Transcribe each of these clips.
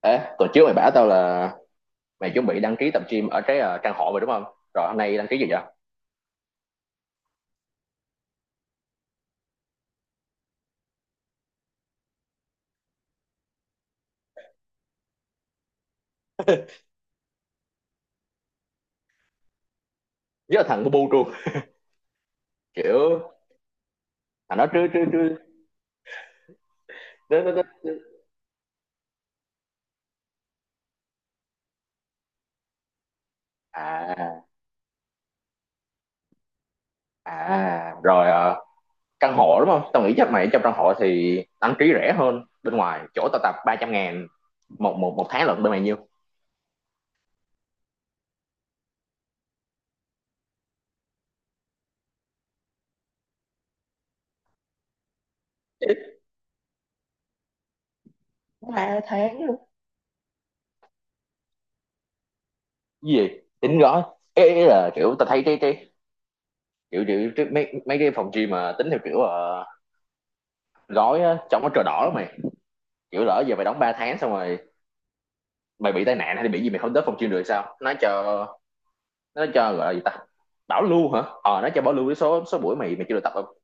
Ê, tuần trước mày bảo tao là mày chuẩn bị đăng ký tập gym ở cái trang họ rồi đúng không? Rồi hôm nay đăng ký gì vậy? Với là thằng bu bu luôn. Kiểu thằng nó trứ trứ trứ nó à à rồi, căn hộ đúng không? Tao nghĩ chắc mày trong căn hộ thì đăng ký rẻ hơn bên ngoài. Chỗ tao tập 300.000 một một một tháng lận, bên mày nhiêu? 3 tháng luôn. Cái gì? Tính gói. Ê, ý là kiểu tao thấy cái kiểu mấy mấy cái phòng gym mà tính theo kiểu gói á, trông nó cờ đỏ lắm mày. Kiểu lỡ giờ mày đóng 3 tháng xong rồi mày bị tai nạn hay là bị gì, mày không tới phòng chuyên được, sao nó cho gọi là gì ta, bảo lưu hả, nó cho bảo lưu cái số số buổi mày mày chưa được tập không?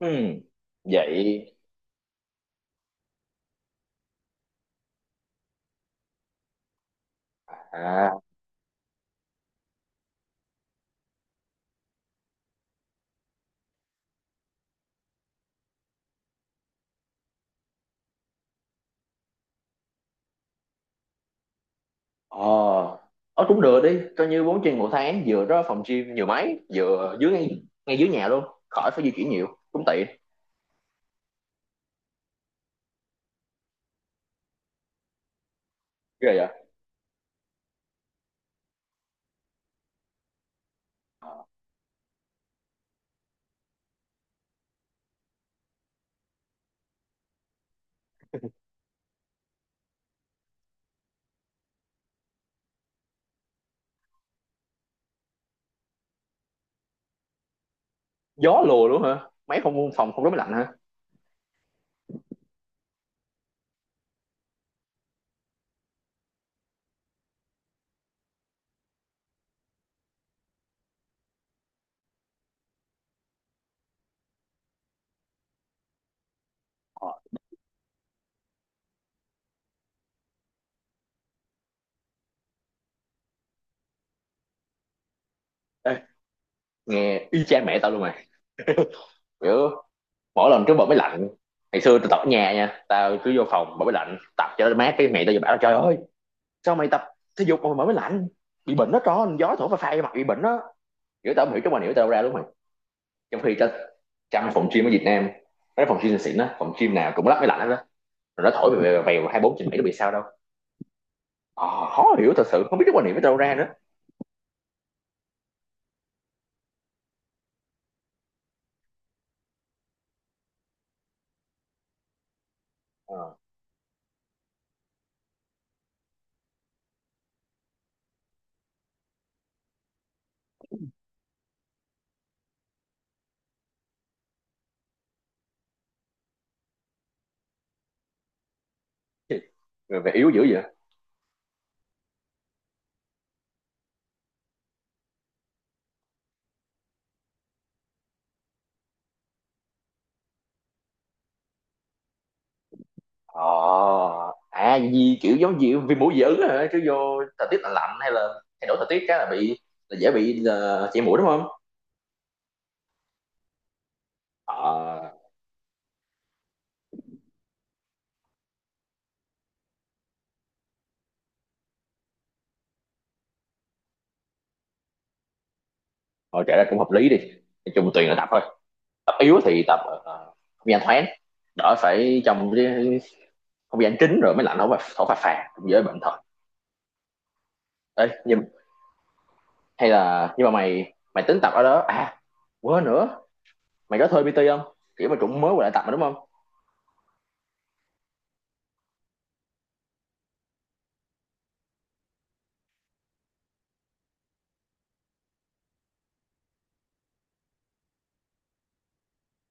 Ừm, vậy à, ờ cũng được đi, coi như 4 chuyên một tháng vừa đó, phòng gym nhiều máy, vừa dưới ngay dưới nhà luôn khỏi phải di chuyển nhiều, cũng tiện. Ghê vậy, gió lùa luôn hả, mấy không phòng không rất lạnh hả? Ờ, ê, nghe y chang mẹ tao luôn mày. Kiểu mỗi lần trước bật máy lạnh, ngày xưa tao tập ở nhà nha, tao cứ vô phòng mở máy lạnh tập cho nó mát, cái mẹ tao vừa bảo trời ơi sao mày tập thể dục mà mày mở máy lạnh, bị bệnh đó, tròn gió thổi phà phà mặt bị bệnh đó, kiểu tao không hiểu cái mà hiểu tao đâu ra, đúng mày, trong khi tao, trong phòng gym ở Việt Nam, cái phòng gym xịn đó, phòng gym nào cũng lắp máy lạnh hết đó, rồi nó thổi về vèo 24/7, nó bị sao đâu. Ờ, khó hiểu thật sự, không biết cái quan niệm của tao đâu ra nữa. Ờ, về yếu dữ vậy. ờ À gì kiểu giống gì vì mũi dị ứng hả, cứ vô thời tiết lạnh lạnh hay là thay đổi thời tiết cái là bị, là dễ bị, là chảy mũi đúng không? ờ Thôi kể ra cũng hợp lý đi. Nói chung tùy là tập thôi, tập yếu thì tập không gian thoáng, đỡ phải trong cái không gian kín rồi mới lạnh, không phải thổi phà phà cũng dễ bệnh thật. Ê, nhưng hay là nhưng mà mày mày tính tập ở đó à, quên nữa, mày có thuê PT không, kiểu mà cũng mới quay lại tập mà đúng không?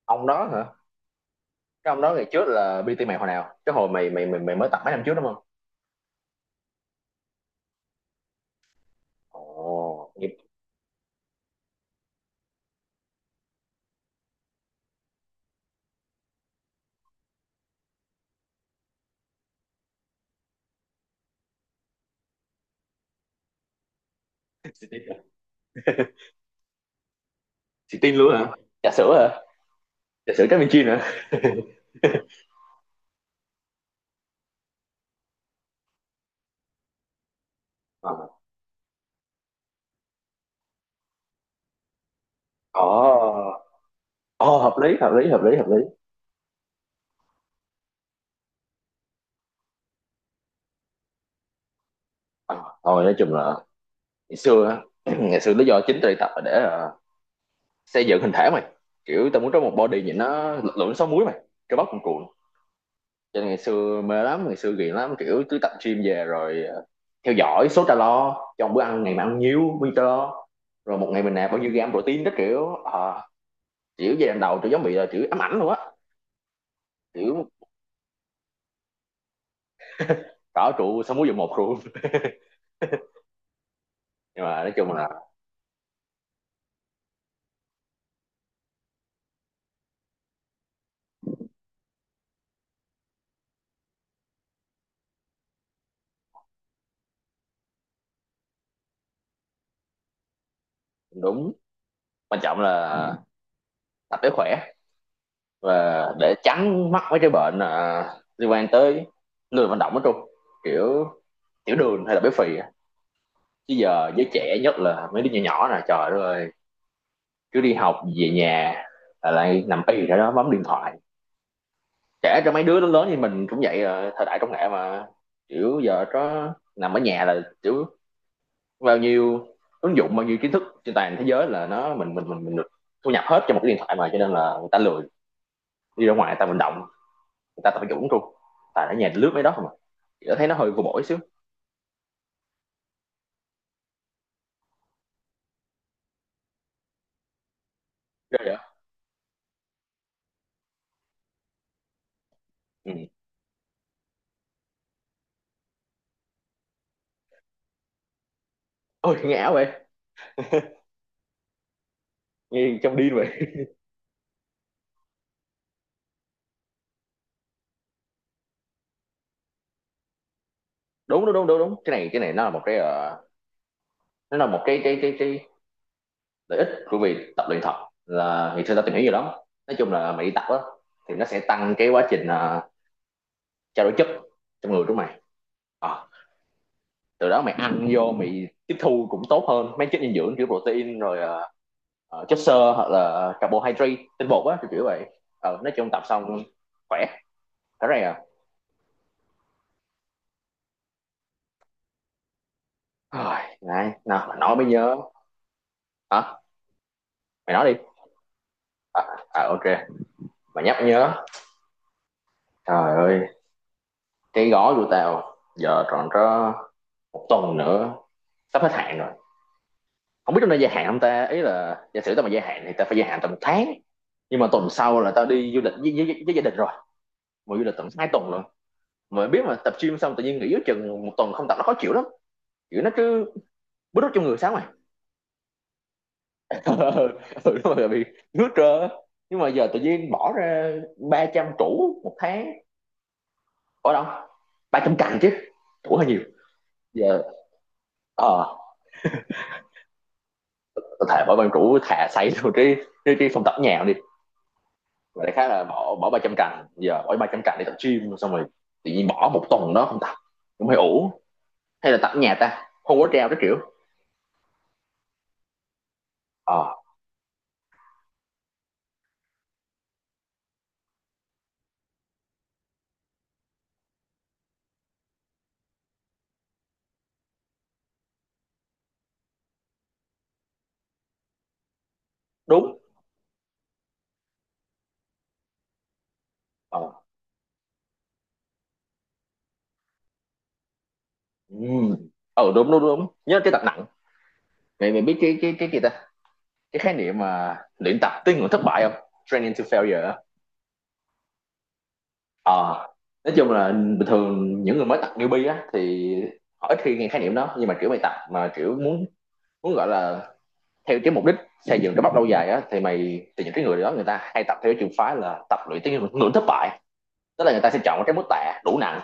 Ông đó hả? Cái ông đó ngày trước là PT mày hồi nào, cái hồi mày mới tập mấy năm trước đúng không? Ồ, nghiệp. Xì tin à? Xì tin luôn hả? Trà sữa hả? Trà sữa Trái Minh Chiên hả? À. Ồ, ồ hợp lý, hợp lý, hợp lý, hợp lý. Ờ, thôi nói chung là ngày xưa á, ngày xưa lý do chính tôi đi tập là để xây dựng hình thể mày. Kiểu tao muốn có một body nhìn nó lực lượng sáu múi mày, cơ bắp cuồn cuộn. Cho nên ngày xưa mê lắm, ngày xưa ghiền lắm, kiểu cứ tập gym về rồi theo dõi số calo trong bữa ăn, ngày mà ăn nhiêu bao nhiêu calo, rồi một ngày mình nạp bao nhiêu gram protein đó kiểu à, kiểu giai đoạn đầu tôi giống bị là kiểu ám ảnh luôn á. Kiểu có trụ sáu múi dụng một luôn. Nhưng mà nói chung là đúng, quan trọng là tập để khỏe và để tránh mắc mấy cái bệnh à, liên quan tới lười vận động, nói chung kiểu tiểu đường hay là béo phì, chứ giờ giới trẻ nhất là mấy đứa nhỏ nhỏ nè, trời đất ơi, cứ đi học về nhà là lại nằm y ra đó bấm điện thoại, trẻ cho mấy đứa lớn lớn như mình cũng vậy à, thời đại công nghệ mà, kiểu giờ có nằm ở nhà là kiểu bao nhiêu ứng dụng, bao nhiêu kiến thức trên toàn thế giới là nó mình được thu nhập hết cho một cái điện thoại mà, cho nên là người ta lười đi ra ngoài, người ta vận động, người ta tập dụng luôn, tại ở nhà lướt mấy đó không à, chị thấy nó hơi vô bổ xíu. Ghê vậy? Ừ. Ôi nghe ảo vậy. Nghe trong điên vậy. Đúng, đúng, đúng, đúng, đúng, cái này nó là một cái nó là một cái lợi ích của việc tập luyện thật, là thì xưa tao tìm hiểu nhiều lắm, nói chung là mày đi tập á thì nó sẽ tăng cái quá trình trao đổi chất trong người của mày. Ờ, từ đó mày ăn vô mày tiếp thu cũng tốt hơn mấy chất dinh dưỡng kiểu protein rồi chất xơ hoặc là carbohydrate tinh bột á, kiểu kiểu vậy. Nói chung tập xong khỏe thế này à, rồi này nào mà nói mới nhớ, hả, mày nói đi, à, à ok, mà nhắc nhớ trời ơi, cái gói của tao giờ còn có một tuần nữa, sắp hết hạn rồi, không biết trong đây gia hạn không ta, ý là giả sử tao mà gia hạn thì tao phải gia hạn tầm một tháng, nhưng mà tuần sau là tao đi du lịch với gia đình rồi, mà du lịch tầm 2 tuần luôn, mà biết mà tập gym xong tự nhiên nghỉ giữa chừng một tuần không tập nó khó chịu lắm, kiểu nó cứ bứt rứt trong người sáng mày, ừ đúng rồi bị nước trơ, nhưng mà giờ tự nhiên bỏ ra 300 củ một tháng ở đâu. 300 cành chứ, củ hơi nhiều, giờ ờ có thể bỏ bằng củ thà xây luôn cái cái phòng tập nhà đi, và đại khái là bỏ bỏ 300 cành, giờ bỏ 300 cành để tập gym xong rồi tự nhiên bỏ một tuần đó không tập cũng hơi ủ, hay là tập ở nhà ta không có treo cái kiểu ờ à, đúng ờ ừ, ừ đúng đúng đúng nhớ cái tập nặng, mày mày biết cái cái gì ta, cái khái niệm mà luyện tập tới ngưỡng thất bại không, training to failure á. ờ nói chung là bình thường những người mới tập newbie á thì họ ít khi nghe khái niệm đó, nhưng mà kiểu mày tập mà kiểu muốn, gọi là theo cái mục đích xây dựng cái bắp lâu dài á thì mày, thì những cái người đó người ta hay tập theo cái trường phái là tập luyện tới ngưỡng ngưỡng thất bại, tức là người ta sẽ chọn một cái mức tạ đủ nặng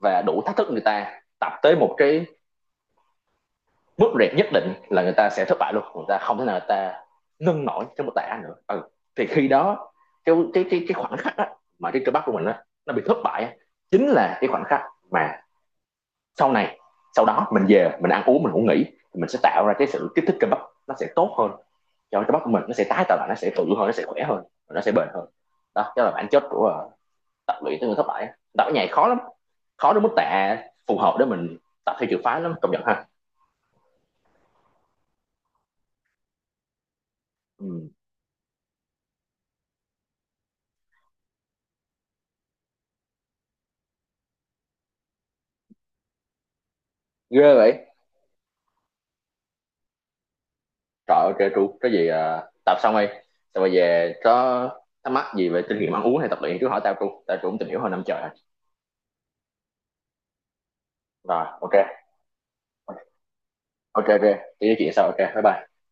và đủ thách thức, người ta tập tới một cái mức rệt nhất định là người ta sẽ thất bại luôn, người ta không thể nào người ta nâng nổi cái một tài án nữa, ừ, thì khi đó cái khoảnh khắc á, mà cái cơ bắp của mình á, nó bị thất bại á, chính là cái khoảnh khắc mà sau này sau đó mình về mình ăn uống mình ngủ nghỉ thì mình sẽ tạo ra cái sự kích thích cơ bắp, nó sẽ tốt hơn cho cơ bắp của mình, nó sẽ tái tạo lại, nó sẽ tự hơn, nó sẽ khỏe hơn, nó sẽ bền hơn, đó đó là bản chất của tập luyện tới người thất bại, tập nhảy khó lắm, khó đến mức tạ phù hợp để mình tập theo trường phái lắm, công nhận ha. Ừ. Ghê vậy, trời ơi trêu tru có gì à, tập xong đi, xong rồi về có thắc mắc gì về kinh nghiệm ăn uống hay tập luyện cứ hỏi tao tru, tao tru cũng tìm hiểu hơn năm trời rồi, rồi ok, ok ok, cái chuyện sau ok bye bye.